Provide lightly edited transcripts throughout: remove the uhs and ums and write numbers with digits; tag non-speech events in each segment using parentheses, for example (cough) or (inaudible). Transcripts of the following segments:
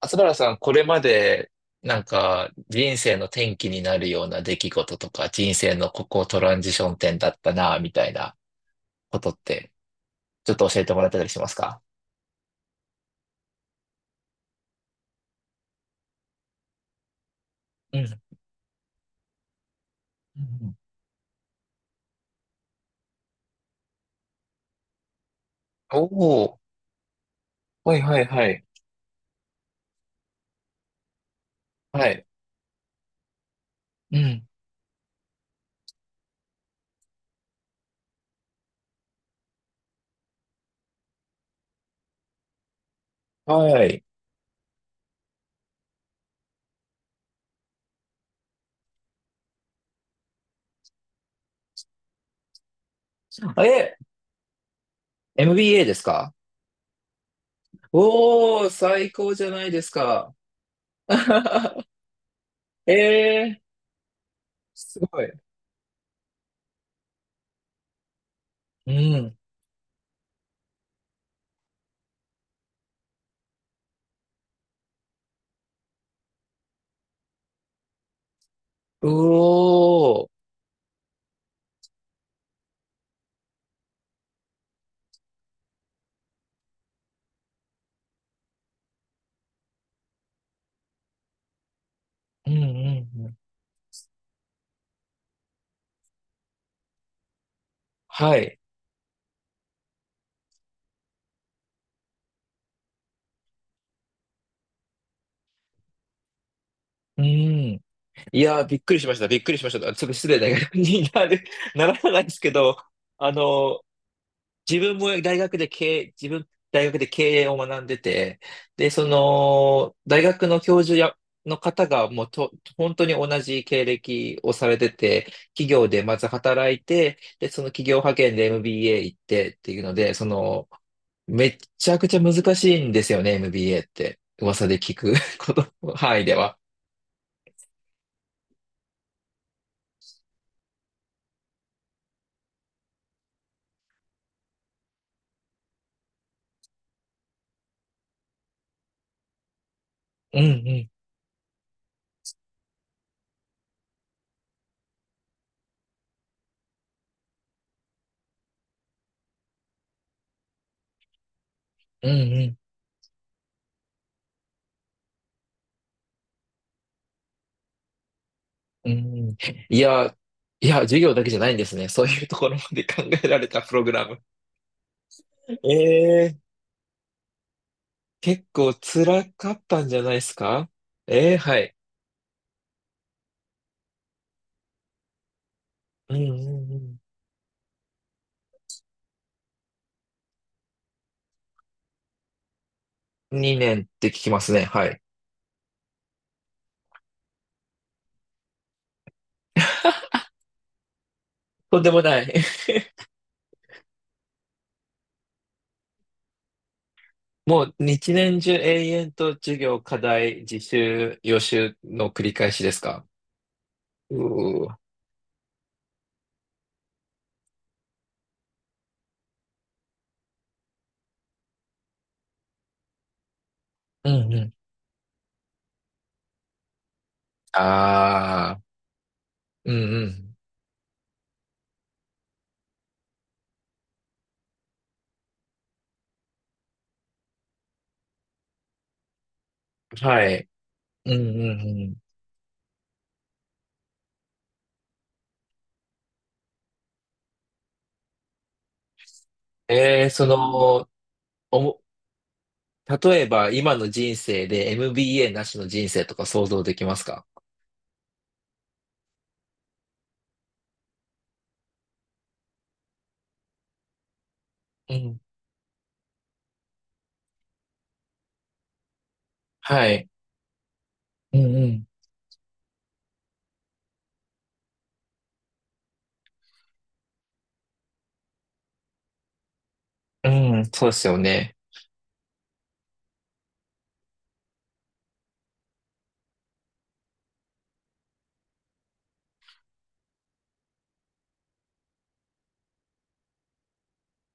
松原さん、これまで、なんか、人生の転機になるような出来事とか、人生のここトランジション点だったな、みたいなことって、ちょっと教えてもらってたりしますか？うん。うん。おおー、はいはいはい。はい。うん。はい。え、MBA ですか？おお、最高じゃないですか。(laughs) ええ、すごい。うん。うおー。うんうんうん。はい。うん。いやー、びっくりしました。びっくりしました。ちょっと失礼な感じになる、(laughs) ならないですけど、あの、自分、大学で経営を学んでて、で、その、大学の教授や、の方がもうと、本当に同じ経歴をされてて、企業でまず働いて、で、その企業派遣で MBA 行ってっていうので、その、めっちゃくちゃ難しいんですよね、MBA って。噂で聞く (laughs) こと、範囲では。うんうん。うんうんうん。いや、いや、授業だけじゃないんですね。そういうところまで考えられたプログラム。ええ、結構辛かったんじゃないですか？ええ、はい。うんうんうん。2年って聞きますね。はい。とんでもない。(laughs) もう一年中永遠と授業、課題、自習、予習の繰り返しですか？うー。うんうん。ああ、うんうん。はい。うんうんうん。ええ、その、おも例えば、今の人生で MBA なしの人生とか想像できますか？うん。はい。うんうん、うんそうですよね。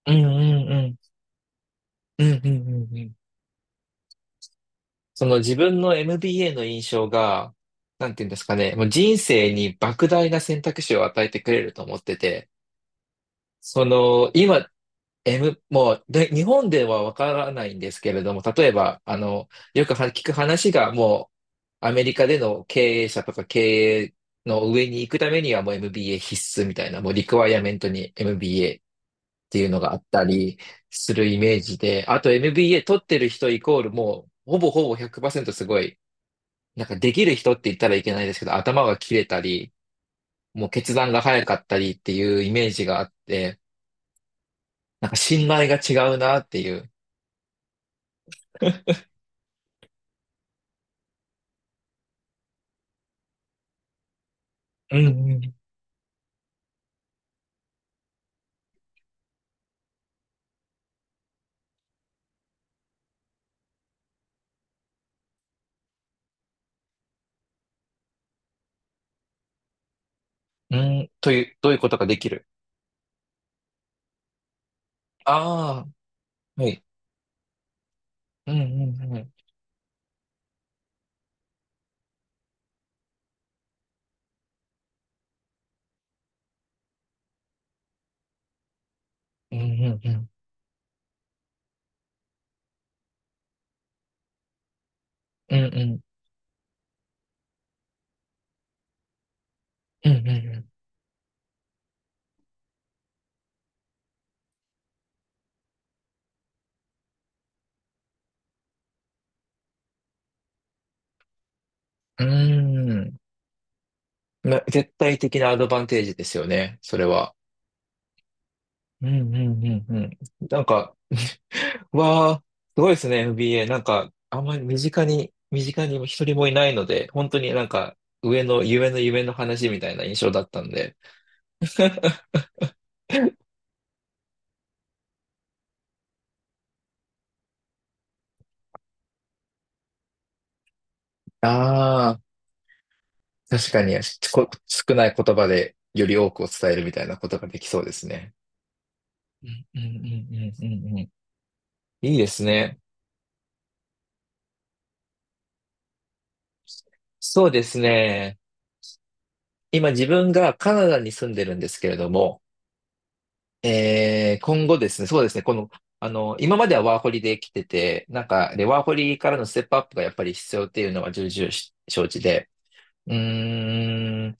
うん。うんうんうん。うんうんうんうん。その自分の MBA の印象が、なんていうんですかね、もう人生に莫大な選択肢を与えてくれると思ってて、その、今、もうで、日本ではわからないんですけれども、例えば、よくは聞く話が、もう、アメリカでの経営者とか経営の上に行くためには、もう MBA 必須みたいな、もうリクワイアメントに MBA っていうのがあったりするイメージで、あと MBA 取ってる人イコール、もう、ほぼほぼ100%すごい、なんかできる人って言ったらいけないですけど、頭が切れたり、もう決断が早かったりっていうイメージがあって、なんか信頼が違うなっていう。うんうんうん。という、どういうことができる。ああ、はい。うんうんうん。うんうんうん。うんうんうんうんうん。絶対的なアドバンテージですよね、それは。うんうんうんうん。なんか、わあ、すごいですね、FBA なんか、あんまり身近に、一人もいないので、本当になんか、上の夢の夢の話みたいな印象だったんで。ああ、確かに、少ない言葉でより多くを伝えるみたいなことができそうですね。うんうんうんうんうんうん。いいですね。そうですね。今自分がカナダに住んでるんですけれども、今後ですね、そうですね、この、今まではワーホリで来てて、なんか、で、ワーホリからのステップアップがやっぱり必要っていうのは重々し承知で、うーん、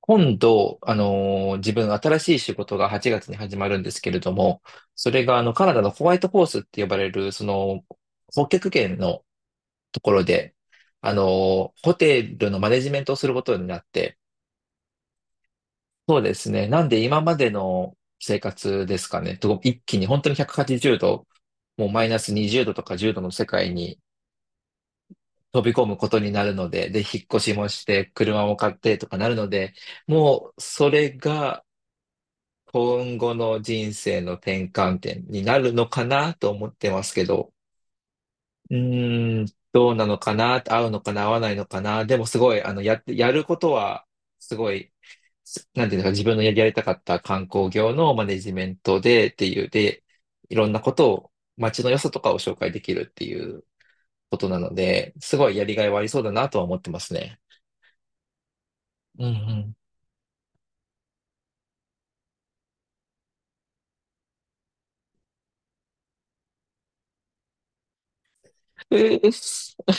今度、自分新しい仕事が8月に始まるんですけれども、それがカナダのホワイトホースって呼ばれる、その、北極圏のところで、ホテルのマネジメントをすることになって、そうですね。なんで今までの生活ですかね。と一気に本当に180度、もうマイナス20度とか10度の世界に飛び込むことになるので、で、引っ越しもして、車も買ってとかなるので、もうそれが今後の人生の転換点になるのかなと思ってますけど、うーん、どうなのかな、合うのかな、合わないのかな。でもすごい、やって、やることは、すごい、なんていうんですか、自分のやりたかった観光業のマネジメントでっていう、で、いろんなことを、街の良さとかを紹介できるっていうことなので、すごいやりがいはありそうだなとは思ってますね。うんうん。えー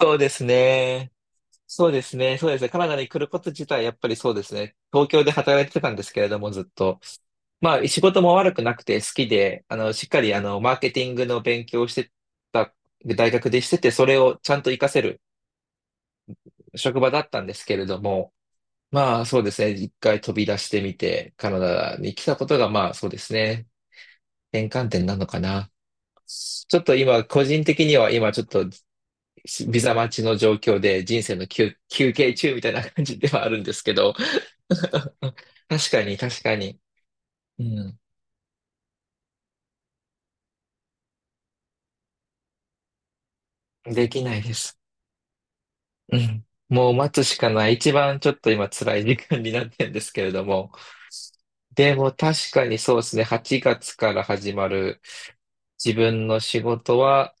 そうですね。そうですね。そうですね。カナダに来ること自体、やっぱりそうですね。東京で働いてたんですけれども、ずっと。まあ、仕事も悪くなくて好きで、しっかり、マーケティングの勉強をしてた、大学でしてて、それをちゃんと活かせる職場だったんですけれども、まあ、そうですね。一回飛び出してみて、カナダに来たことが、まあ、そうですね。転換点なのかな。ちょっと今、個人的には今、ちょっとビザ待ちの状況で人生の休憩中みたいな感じではあるんですけど、(laughs) 確かに確かに、うん、できないです。うん、もう待つしかない。一番ちょっと今辛い時間になってるんですけれども、でも確かにそうですね、8月から始まる自分の仕事は、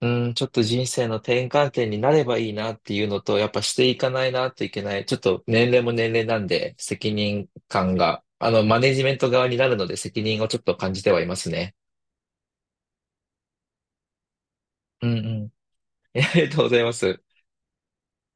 うん、ちょっと人生の転換点になればいいなっていうのと、やっぱしていかないなといけない。ちょっと年齢も年齢なんで、責任感が、マネジメント側になるので責任をちょっと感じてはいますね。うんうん。(laughs) ありがとうございます。